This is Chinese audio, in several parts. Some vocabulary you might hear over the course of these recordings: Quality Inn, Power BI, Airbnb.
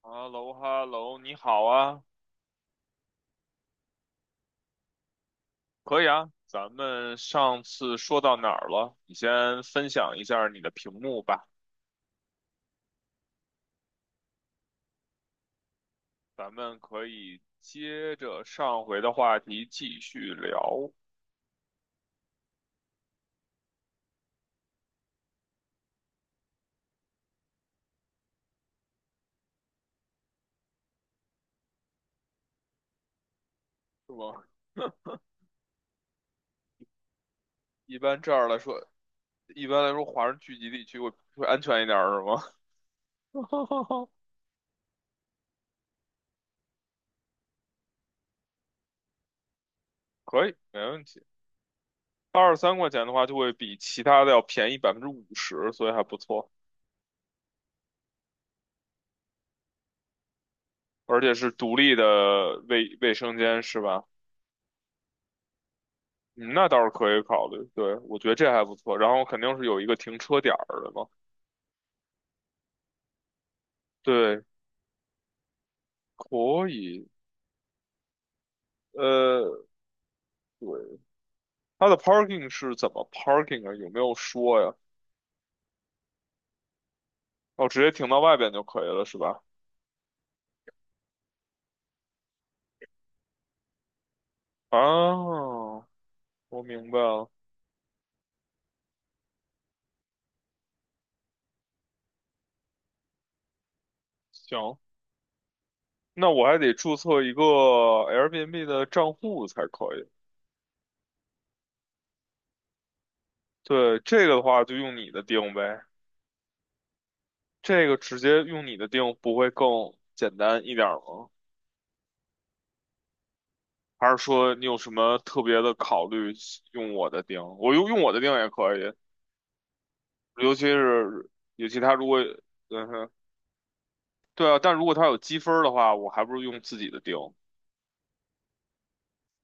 哈喽哈喽，你好啊，可以啊，咱们上次说到哪儿了？你先分享一下你的屏幕吧，咱们可以接着上回的话题继续聊，是吗？一般这样来说，一般来说，华人聚集地区会安全一点儿，是吗？可以，没问题。23块钱的话，就会比其他的要便宜50%，所以还不错，而且是独立的卫生间，是吧？嗯，那倒是可以考虑，对，我觉得这还不错。然后肯定是有一个停车点儿的嘛，对，可以。呃，对，它的 parking 是怎么 parking 啊？有没有说呀？哦，直接停到外边就可以了，是吧？啊，我明白了。行，那我还得注册一个 Airbnb 的账户才可以。对，这个的话就用你的定呗，这个直接用你的定不会更简单一点儿吗？还是说你有什么特别的考虑用我的钉？我用我的钉也可以，尤其是尤其他如果，嗯哼，对啊，但如果他有积分儿的话，我还不如用自己的钉。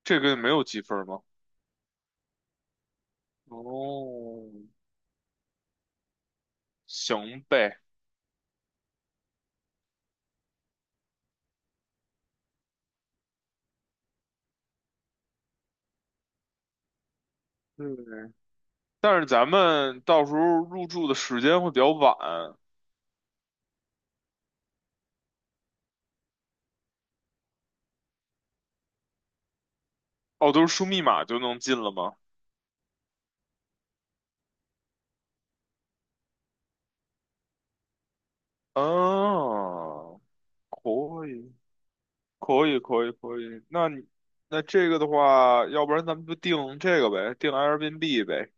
这个没有积分儿吗？哦，行呗。嗯，但是咱们到时候入住的时间会比较晚。哦，都是输密码就能进了吗？啊，可以。可以，可以，可以。那这个的话，要不然咱们就定这个呗，定 Airbnb 呗。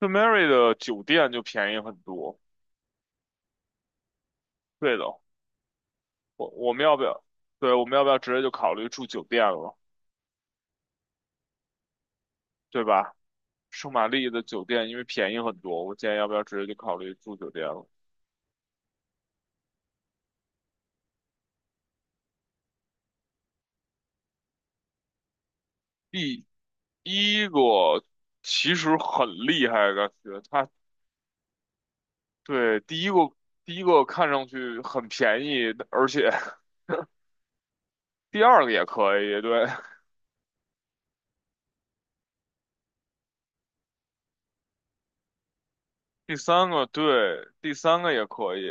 圣 Mary 的酒店就便宜很多。对的，我们要不要？对，我们要不要直接就考虑住酒店了，对吧？圣玛丽的酒店因为便宜很多，我建议要不要直接就考虑住酒店了。第一个其实很厉害，感觉它对第一个看上去很便宜，而且 第二个也可以，对。第三个对，第三个也可以，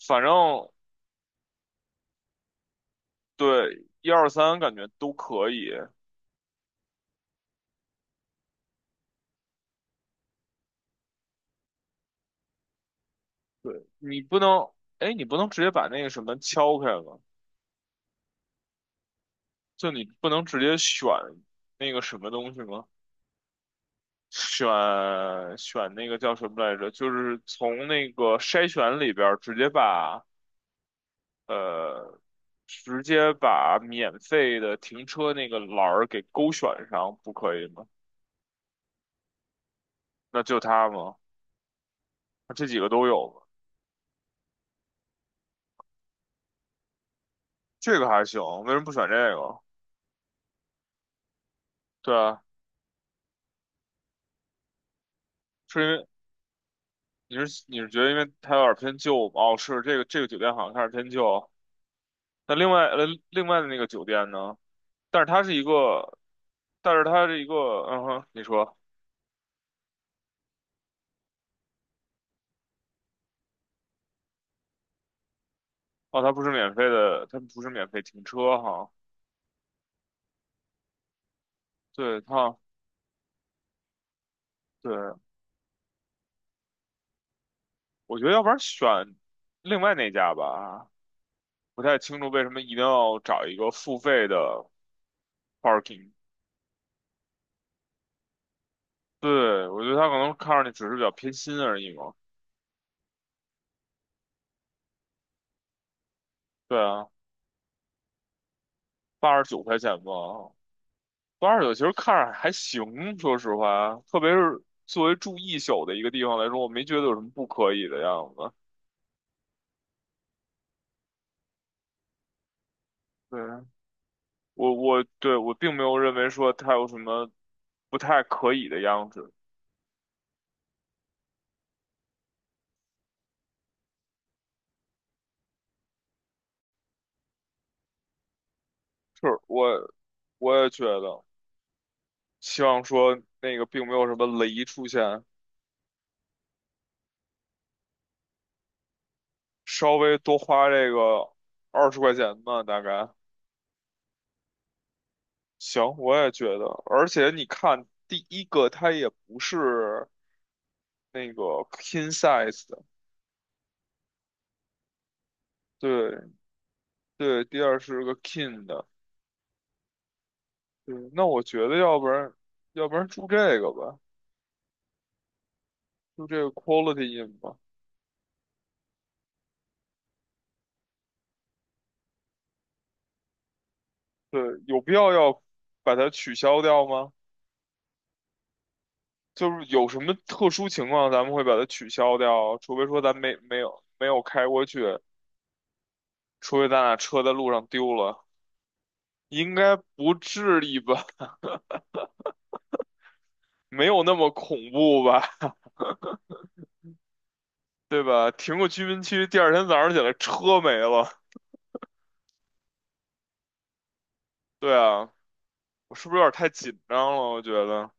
反正对一二三感觉都可以。对你不能，哎，你不能直接把那个什么敲开吗？就你不能直接选那个什么东西吗？选选那个叫什么来着？就是从那个筛选里边儿直接把呃，直接把免费的停车那个栏儿给勾选上，不可以吗？那就它吗？那这几个都有吗？这个还行，为什么不选这个？对啊，是因为你是觉得因为它有点偏旧吗？哦，是这个酒店好像开始偏旧。那另外的那个酒店呢？但是它是一个，但是它是一个，嗯哼，你说，哦，它不是免费的，它不是免费停车哈。对，对，我觉得要不然选另外那家吧，不太清楚为什么一定要找一个付费的 parking。对，我觉得他可能看上去只是比较偏心而已嘛。对啊。89块钱吧，八十九其实看着还行，说实话，特别是作为住一宿的一个地方来说，我没觉得有什么不可以的样子。对，我并没有认为说它有什么不太可以的样子，就是我也觉得，希望说那个并没有什么雷出现，稍微多花这个20块钱吧，大概行，我也觉得，而且你看第一个它也不是那个 king size。对对，第二是个 king 的，对，那我觉得要不然，要不然住这个吧，住这个 quality in 吧，对，有必要要把它取消掉吗？就是有什么特殊情况咱们会把它取消掉，除非说咱没有开过去，除非咱俩车在路上丢了，应该不至于吧？没有那么恐怖吧？对吧？停个居民区，第二天早上起来车没了，对啊，我是不是有点太紧张了？我觉得。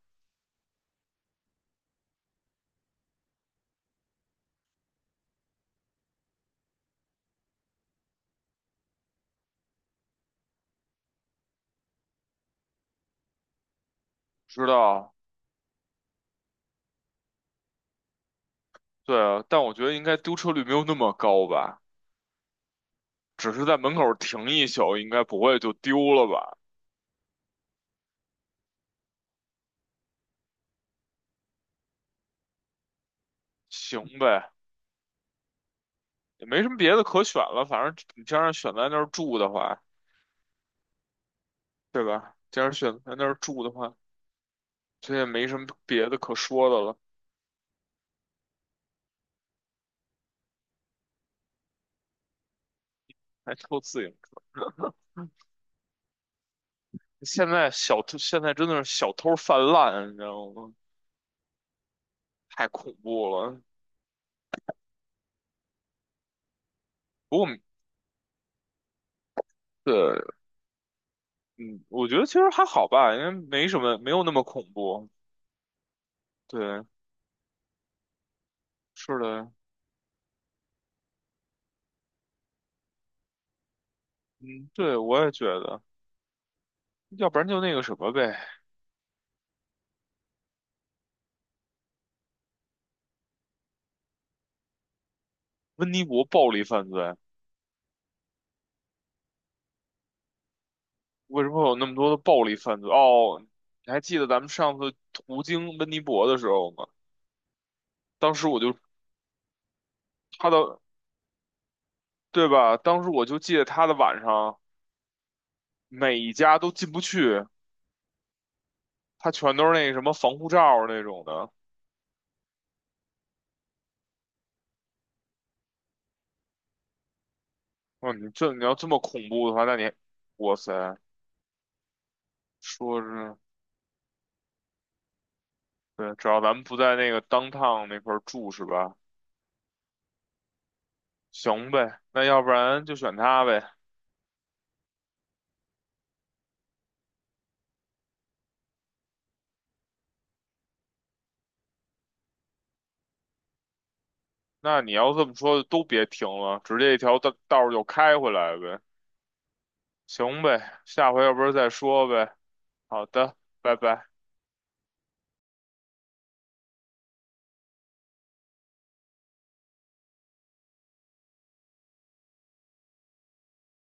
不知道，对啊，但我觉得应该丢车率没有那么高吧，只是在门口停一宿，应该不会就丢了吧？行呗，也没什么别的可选了，反正你既然选在那儿住的话，对吧？既然选在那儿住的话，这也没什么别的可说的了，还偷自行车。现在小偷现在真的是小偷泛滥，你知道吗？太恐怖了。不过我们对，嗯，我觉得其实还好吧，因为没什么，没有那么恐怖。对，是的。嗯，对，我也觉得，要不然就那个什么呗，温尼伯暴力犯罪，为什么会有那么多的暴力犯罪？哦，你还记得咱们上次途经温尼伯的时候吗？当时我就他的，对吧？当时我就记得他的晚上每一家都进不去，他全都是那个什么防护罩儿那种的。哦，你这你要这么恐怖的话，那你，哇塞，说是，对，只要咱们不在那个 downtown 那块儿住是吧？行呗，那要不然就选他呗。那你要这么说，都别停了，直接一条道道儿就开回来呗。行呗，下回要不然再说呗。好的，拜拜。